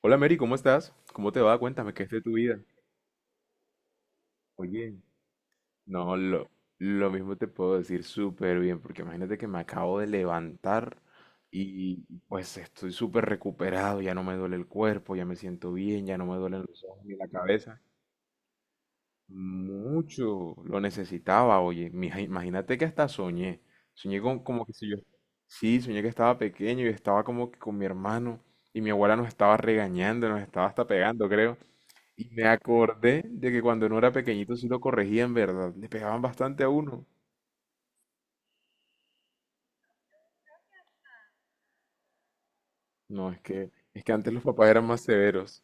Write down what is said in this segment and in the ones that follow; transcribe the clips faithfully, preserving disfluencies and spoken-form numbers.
Hola Mary, ¿cómo estás? ¿Cómo te va? Cuéntame, ¿qué es de tu vida? Oye, no, lo, lo mismo te puedo decir súper bien, porque imagínate que me acabo de levantar y pues estoy súper recuperado, ya no me duele el cuerpo, ya me siento bien, ya no me duelen los ojos ni la cabeza. Mucho, lo necesitaba, oye, mija, imagínate que hasta soñé, soñé con, como que si yo, sí, soñé que estaba pequeño y estaba como que con mi hermano y mi abuela nos estaba regañando, nos estaba hasta pegando, creo. Y me acordé de que cuando uno era pequeñito sí lo corregían, ¿verdad? Le pegaban bastante a uno. No, es que, es que antes los papás eran más severos.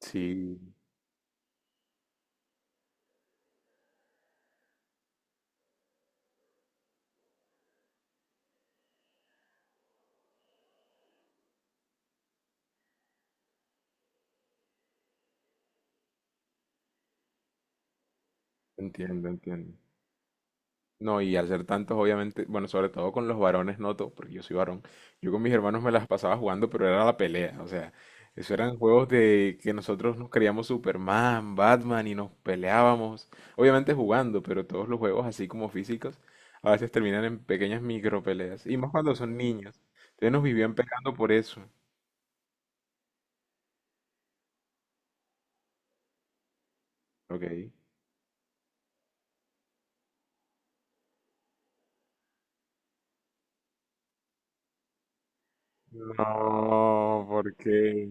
Sí, entiendo, entiendo. No, y al ser tantos, obviamente, bueno, sobre todo con los varones noto, porque yo soy varón, yo con mis hermanos me las pasaba jugando, pero era la pelea, o sea, eso eran juegos de que nosotros nos creíamos Superman, Batman y nos peleábamos, obviamente jugando, pero todos los juegos así como físicos, a veces terminan en pequeñas micro peleas, y más cuando son niños, entonces nos vivían pegando por eso, ok. No, porque.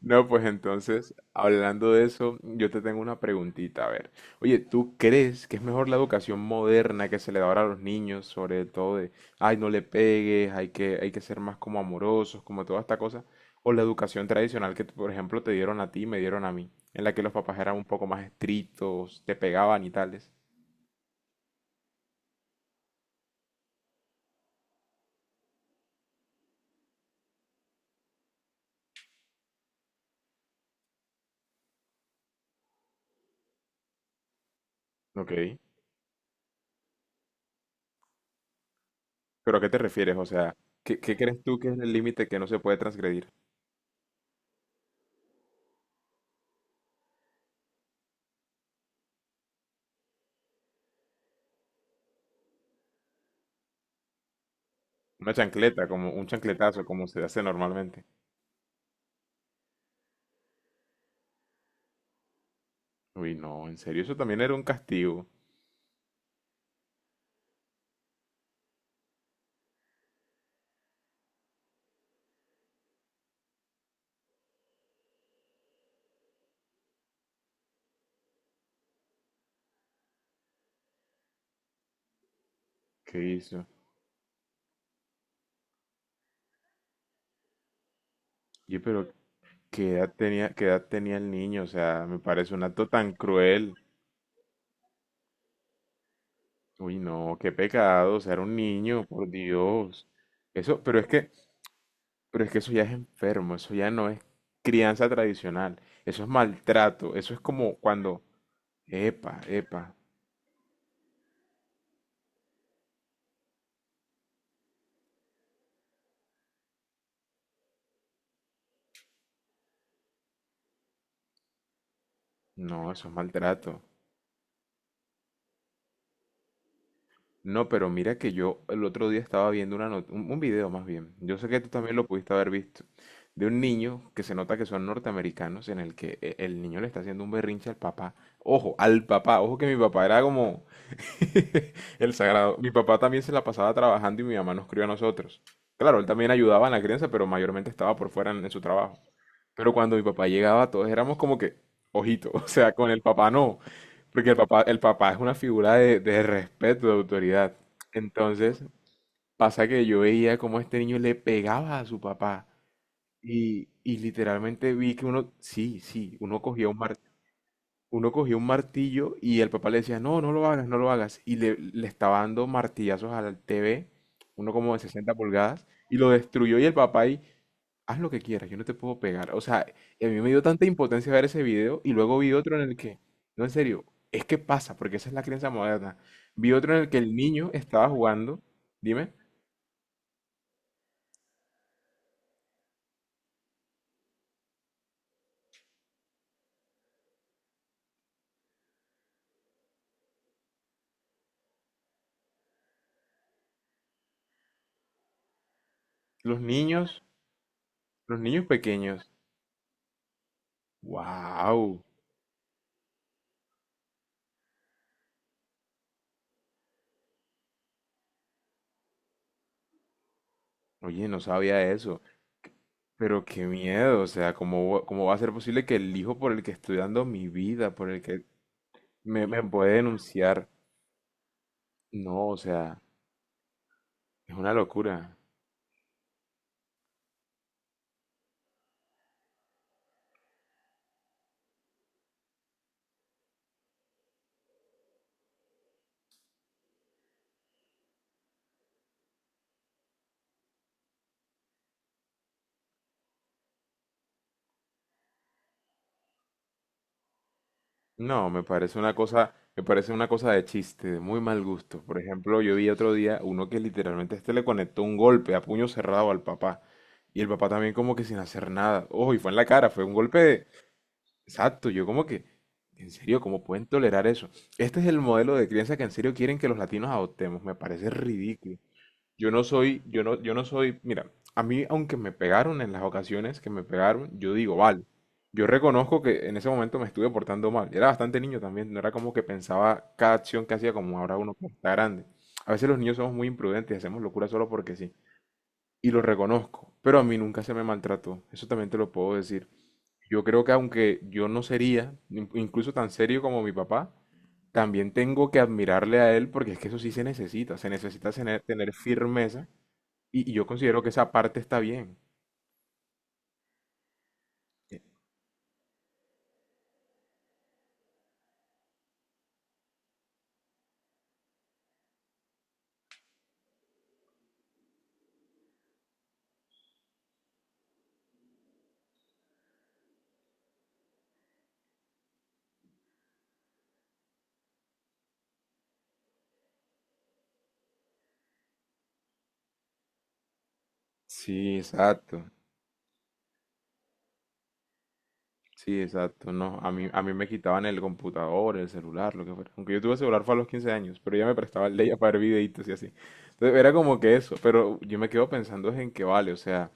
No, pues entonces, hablando de eso, yo te tengo una preguntita, a ver. Oye, ¿tú crees que es mejor la educación moderna que se le da ahora a los niños, sobre todo de, ay, no le pegues, hay que, hay que ser más como amorosos, como toda esta cosa? O la educación tradicional que, por ejemplo, te dieron a ti, y me dieron a mí, en la que los papás eran un poco más estrictos, te pegaban y tales. Ok. ¿Pero a qué te refieres? O sea, ¿qué, qué crees tú que es el límite que no se puede transgredir? Una chancleta, como un chancletazo, como se hace normalmente. Uy, no, en serio, eso también era un castigo. ¿Qué hizo? Oye, pero ¿qué edad tenía, qué edad tenía el niño? O sea, me parece un acto tan cruel. Uy, no, qué pecado. O sea, era un niño, por Dios. Eso, pero es que, pero es que eso ya es enfermo, eso ya no es crianza tradicional. Eso es maltrato. Eso es como cuando, epa, epa. No, eso es maltrato. No, pero mira que yo el otro día estaba viendo una not- un, un video más bien. Yo sé que tú también lo pudiste haber visto. De un niño que se nota que son norteamericanos en el que e- el niño le está haciendo un berrinche al papá. Ojo, al papá. Ojo que mi papá era como, el sagrado. Mi papá también se la pasaba trabajando y mi mamá nos crió a nosotros. Claro, él también ayudaba en la crianza, pero mayormente estaba por fuera en, en su trabajo. Pero cuando mi papá llegaba, todos éramos como que, ojito, o sea, con el papá no, porque el papá, el papá es una figura de, de respeto, de autoridad. Entonces, pasa que yo veía cómo este niño le pegaba a su papá y, y literalmente vi que uno, sí, sí, uno cogía un martillo uno cogía un martillo y el papá le decía, no, no lo hagas, no lo hagas. Y le, le estaba dando martillazos al T V, uno como de sesenta pulgadas, y lo destruyó y el papá ahí, haz lo que quieras, yo no te puedo pegar. O sea, y a mí me dio tanta impotencia ver ese video y luego vi otro en el que, no, en serio, es que pasa, porque esa es la crianza moderna. Vi otro en el que el niño estaba jugando, dime, los niños, los niños pequeños, wow, oye, no sabía eso. Pero qué miedo, o sea, ¿cómo, va- cómo va a ser posible que el hijo por el que estoy dando mi vida, por el que me, me puede denunciar? No, o sea, es una locura. No, me parece una cosa, me parece una cosa de chiste, de muy mal gusto. Por ejemplo, yo vi otro día uno que literalmente a este le conectó un golpe a puño cerrado al papá. Y el papá también como que sin hacer nada. Ojo, y fue en la cara, fue un golpe de. Exacto, yo como que. En serio, ¿cómo pueden tolerar eso? Este es el modelo de crianza que en serio quieren que los latinos adoptemos. Me parece ridículo. Yo no soy, yo no, yo no soy, mira, a mí aunque me pegaron en las ocasiones que me pegaron, yo digo, vale, yo reconozco que en ese momento me estuve portando mal. Era bastante niño también, no era como que pensaba cada acción que hacía como ahora uno que está grande. A veces los niños somos muy imprudentes y hacemos locura solo porque sí. Y lo reconozco, pero a mí nunca se me maltrató, eso también te lo puedo decir. Yo creo que aunque yo no sería in- incluso tan serio como mi papá, también tengo que admirarle a él porque es que eso sí se necesita, se necesita tener, tener firmeza y, y yo considero que esa parte está bien. Eh, Sí, exacto. Sí, exacto. No, a mí, a mí me quitaban el computador, el celular, lo que fuera. Aunque yo tuve celular fue a los quince años, pero ya me prestaba el de ella para ver videitos y así. Entonces era como que eso, pero yo me quedo pensando es en que vale, o sea,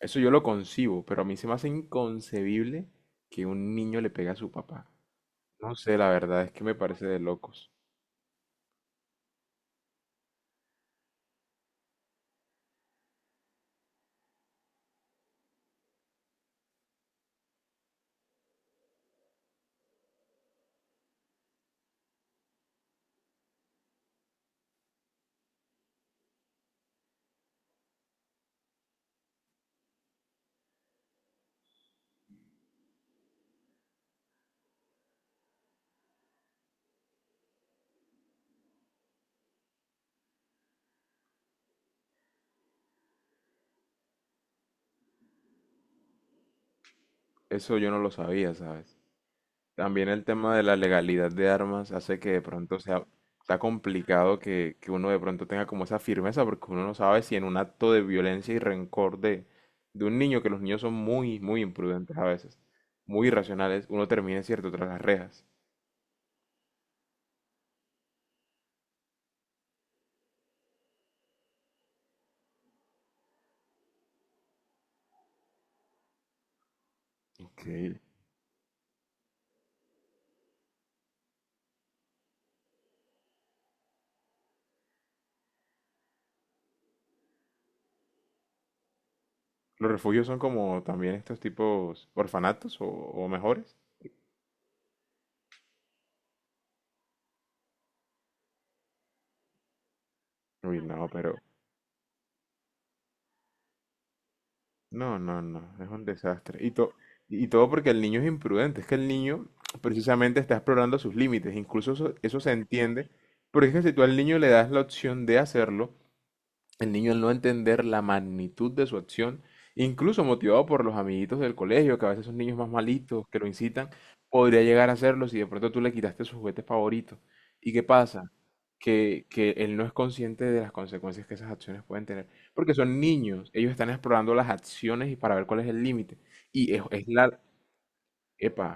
eso yo lo concibo, pero a mí se me hace inconcebible que un niño le pegue a su papá. No sé, la verdad es que me parece de locos. Eso yo no lo sabía, ¿sabes? También el tema de la legalidad de armas hace que de pronto sea, sea complicado que, que uno de pronto tenga como esa firmeza, porque uno no sabe si en un acto de violencia y rencor de, de un niño, que los niños son muy, muy imprudentes a veces, muy irracionales, uno termine, cierto, tras las rejas. Increíble. Los refugios son como también estos tipos orfanatos o, o mejores. Uy, no, pero. No, no, no, es un desastre. Y, to- y todo porque el niño es imprudente, es que el niño precisamente está explorando sus límites, incluso eso, eso se entiende, porque es que si tú al niño le das la opción de hacerlo, el niño al no entender la magnitud de su acción, incluso motivado por los amiguitos del colegio, que a veces son niños más malitos, que lo incitan, podría llegar a hacerlo si de pronto tú le quitaste su juguete favorito. ¿Y qué pasa? Que, que él no es consciente de las consecuencias que esas acciones pueden tener. Porque son niños, ellos están explorando las acciones y para ver cuál es el límite. Y es, es la... Epa,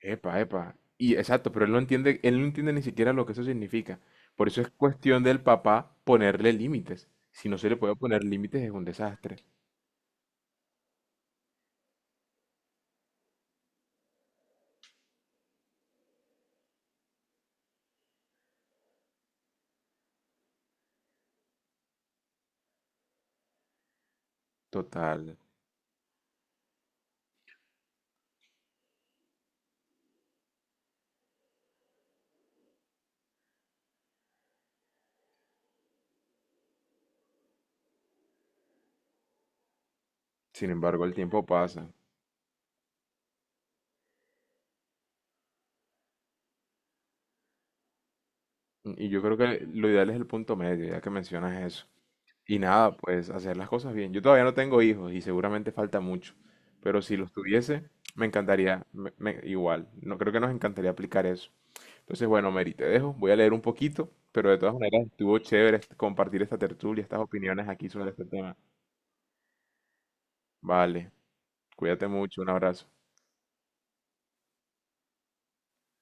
epa, epa. Y exacto, pero él no entiende, él no entiende ni siquiera lo que eso significa. Por eso es cuestión del papá ponerle límites. Si no se le puede poner límites es un desastre. Total. Sin embargo, el tiempo pasa. Y yo creo que lo ideal es el punto medio, ya que mencionas eso. Y nada, pues hacer las cosas bien. Yo todavía no tengo hijos y seguramente falta mucho. Pero si los tuviese, me encantaría, me- me- igual. No creo que nos encantaría aplicar eso. Entonces, bueno, Mary, te dejo. Voy a leer un poquito, pero de todas maneras estuvo chévere est- compartir esta tertulia, estas opiniones aquí sobre este tema. Vale, cuídate mucho, un abrazo.